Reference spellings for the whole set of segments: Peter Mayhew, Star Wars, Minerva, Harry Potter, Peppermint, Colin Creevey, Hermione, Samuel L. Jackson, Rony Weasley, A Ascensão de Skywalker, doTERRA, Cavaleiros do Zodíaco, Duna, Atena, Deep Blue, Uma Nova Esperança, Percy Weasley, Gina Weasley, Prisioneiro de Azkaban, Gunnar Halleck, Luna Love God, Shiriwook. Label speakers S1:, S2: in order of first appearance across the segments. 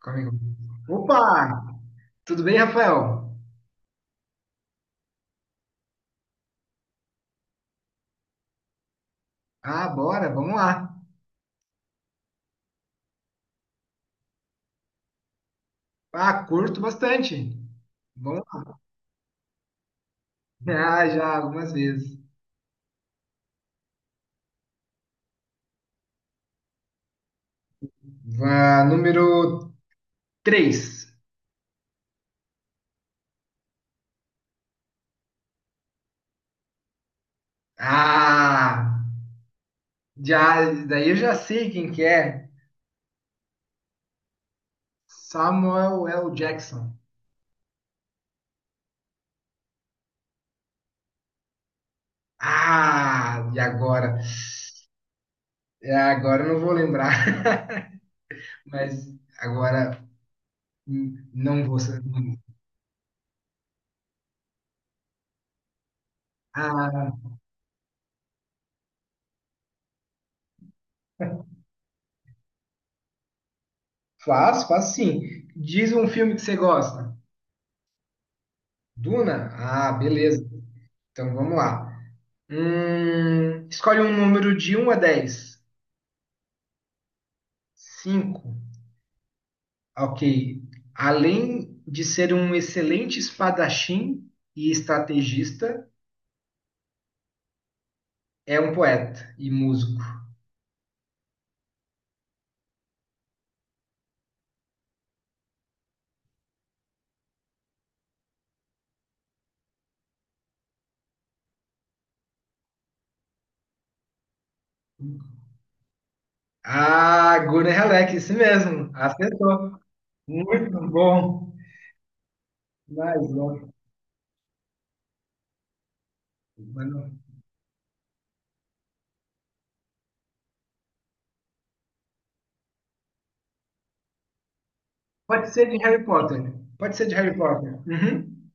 S1: Comigo. Opa! Tudo bem, Rafael? Ah, bora, vamos lá. Ah, curto bastante. Vamos lá. Ah, já algumas vezes. Vá, número 3. Ah, já, daí eu já sei quem que é. Samuel L. Jackson. Ah, e agora? É, agora eu não vou lembrar. Mas agora não vou. Ah, faço, faço sim. Diz um filme que você gosta. Duna? Ah, beleza. Então vamos lá. Escolhe um número de um a 10. 5. Ok. Além de ser um excelente espadachim e estrategista, é um poeta e músico. Ah, Gunnar Halleck, isso mesmo. Acertou. Muito bom. Mais um. Mano. Pode ser de Harry Potter. Pode ser de Harry Potter. Uhum.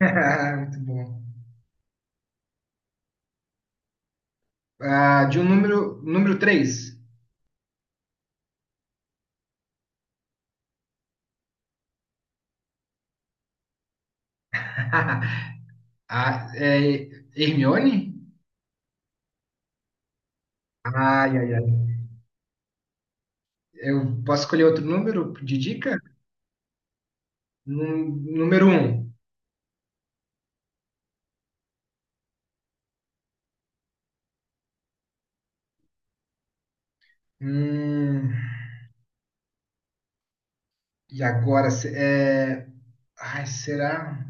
S1: Muito bom. Ah, de um número, número 3. Ah, é Hermione? Ai, ai, ai. Eu posso escolher outro número de dica? Número um. Hum, e agora? É... Ai, será?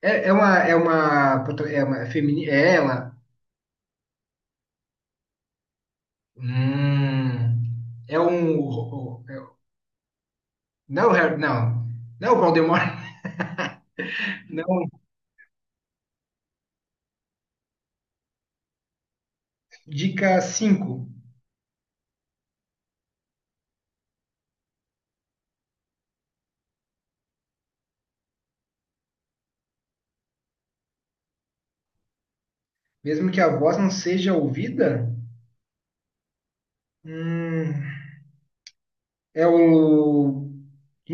S1: É uma feminina? É ela? Hum, é um... Não, é o não. Não é o Voldemort. Não. Dica 5. Mesmo que a voz não seja ouvida? Hum... É o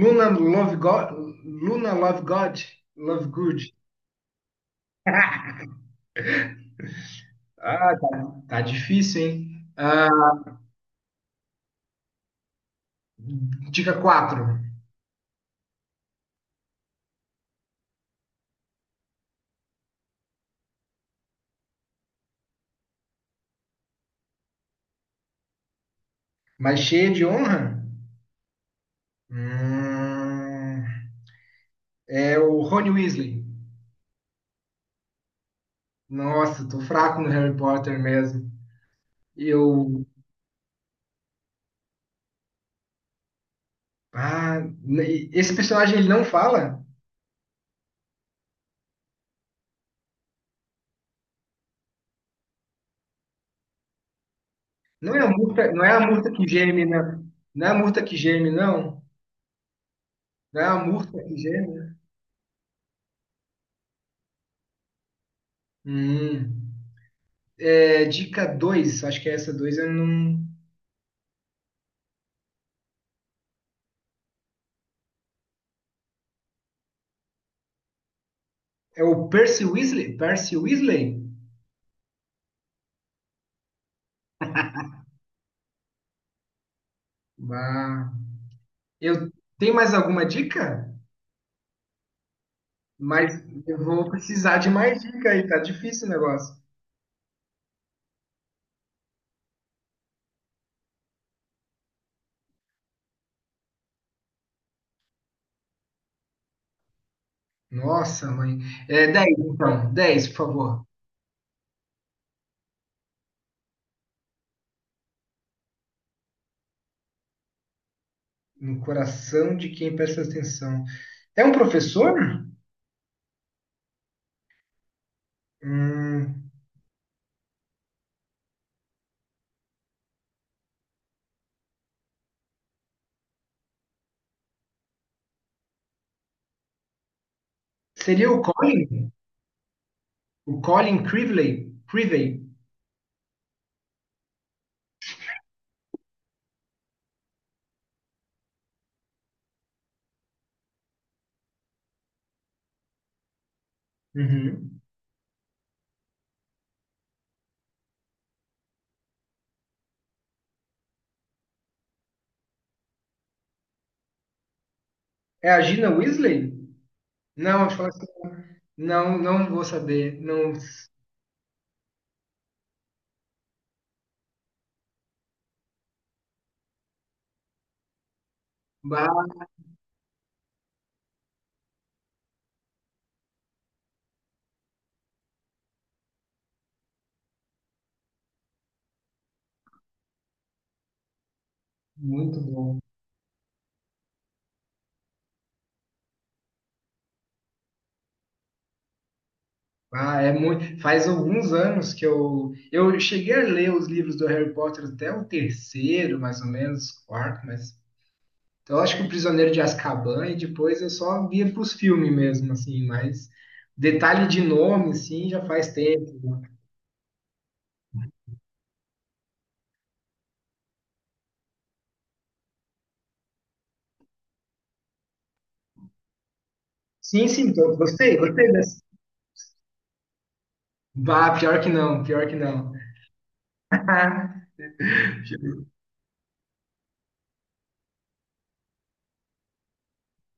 S1: Luna Love God, Luna Love God, Love Good. Ah, tá difícil, hein? Ah, dica quatro. Mas cheia de honra? Hum, é o Rony Weasley. Nossa, tô fraco no Harry Potter mesmo. Eu. Ah, esse personagem ele não fala? Não é a murta que geme, não. Não é a murta que geme, não. Não é a murta que geme. Hum. É, dica 2, acho que é essa 2 eu não. É o Percy Weasley? Percy Weasley? Ah, eu tenho mais alguma dica? Mas eu vou precisar de mais dica aí, tá difícil o negócio. Nossa, mãe. É 10, então. 10, por favor. No coração de quem presta atenção. É um professor? Hum, seria o Colin? O Colin Creevey? Creevey. Uhum. É a Gina Weasley? Não, acho que assim, não, não vou saber. Não. Bah, muito bom. Ah, é muito. Faz alguns anos que eu cheguei a ler os livros do Harry Potter até o terceiro, mais ou menos, quarto, mas então, eu acho que o Prisioneiro de Azkaban e depois eu só via para os filmes mesmo, assim, mas detalhe de nome, sim, já faz tempo, né? Sim, sim, gostei, gostei dessa. Bah, pior que não, pior que não.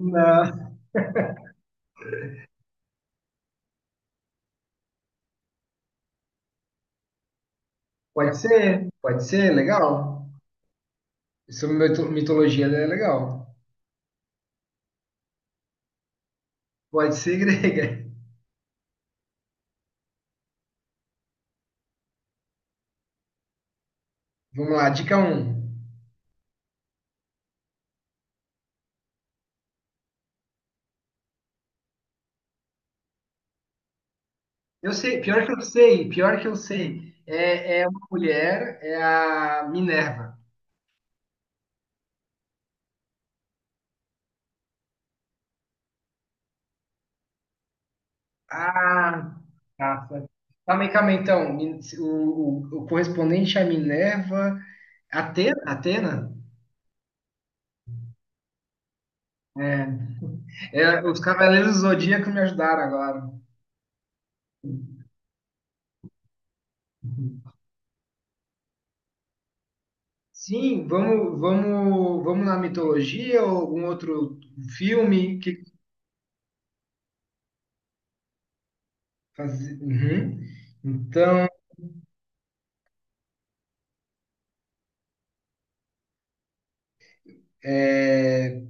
S1: Não. Pode ser, legal. Sobre mitologia é legal. Pode ser grega. Vamos lá, dica um. Eu sei, pior que eu sei, pior que eu sei. É, é uma mulher, é a Minerva. Ah, tá. Calma aí, então. O correspondente é a Minerva. Atena? Atena? É, os Cavaleiros do Zodíaco me ajudaram agora. Sim, vamos, vamos, vamos na mitologia ou algum outro filme? Que uhum. Então, é,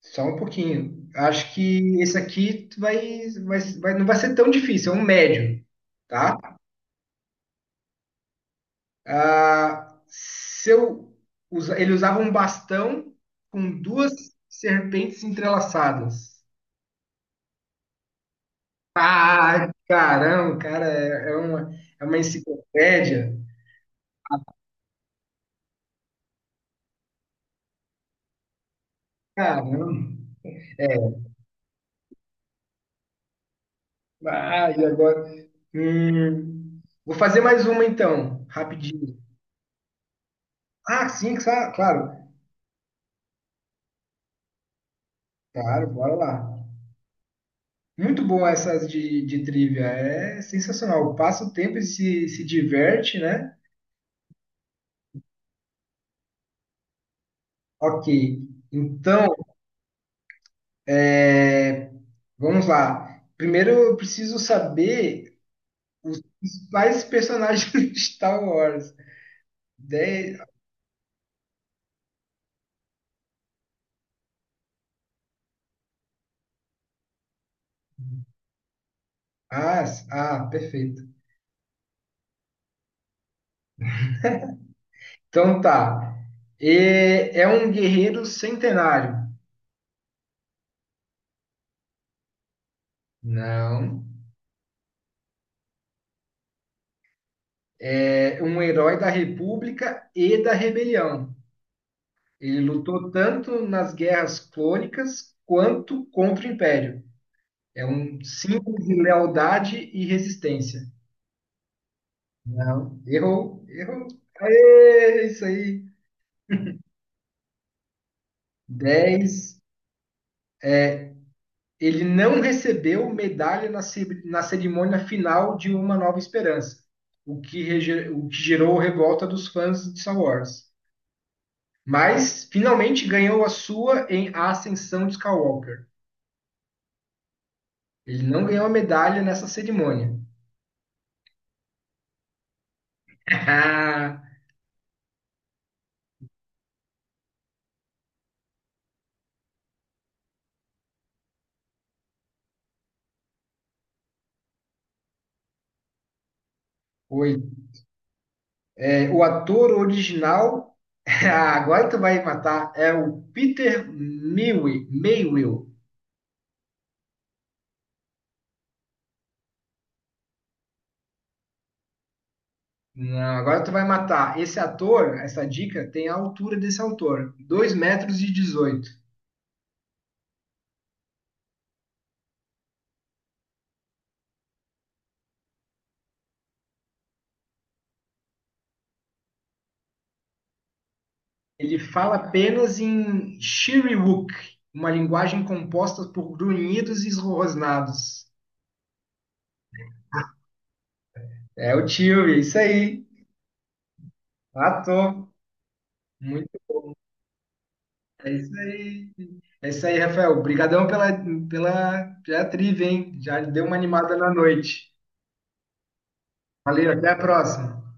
S1: só um pouquinho. Acho que esse aqui tu vai não vai ser tão difícil, é um médio, tá? Ah, se eu ele usava um bastão com duas serpentes entrelaçadas. Ah, caramba, cara, é uma enciclopédia. Caramba. Ah, e agora? Vou fazer mais uma então, rapidinho. Ah, sim, claro. Claro, bora lá. Muito bom essas de trivia. É sensacional. Passa o tempo e se diverte, né? Ok. Então, é, vamos lá. Primeiro eu preciso saber os mais personagens de Star Wars. 10... Ah, ah, perfeito. Então tá. É um guerreiro centenário. Não. É um herói da República e da Rebelião. Ele lutou tanto nas guerras clônicas quanto contra o Império. É um símbolo de lealdade e resistência. Não, errou, errou. Aê, isso aí. 10. Ele não recebeu medalha na cerimônia final de Uma Nova Esperança, o que gerou revolta dos fãs de Star Wars. Mas finalmente ganhou a sua em A Ascensão de Skywalker. Ele não ganhou a medalha nessa cerimônia. Oi. É, o ator original, ah, agora tu vai matar, é o Peter Mayhew. Não, agora tu vai matar. Esse ator, essa dica, tem a altura desse autor, 2,18 m. Ele fala apenas em Shiriwook, uma linguagem composta por grunhidos e esrosnados. É o tio, isso aí. Matou. É isso aí. É isso aí, Rafael. Obrigadão pela trivia, hein? Já deu uma animada na noite. Valeu, até a próxima.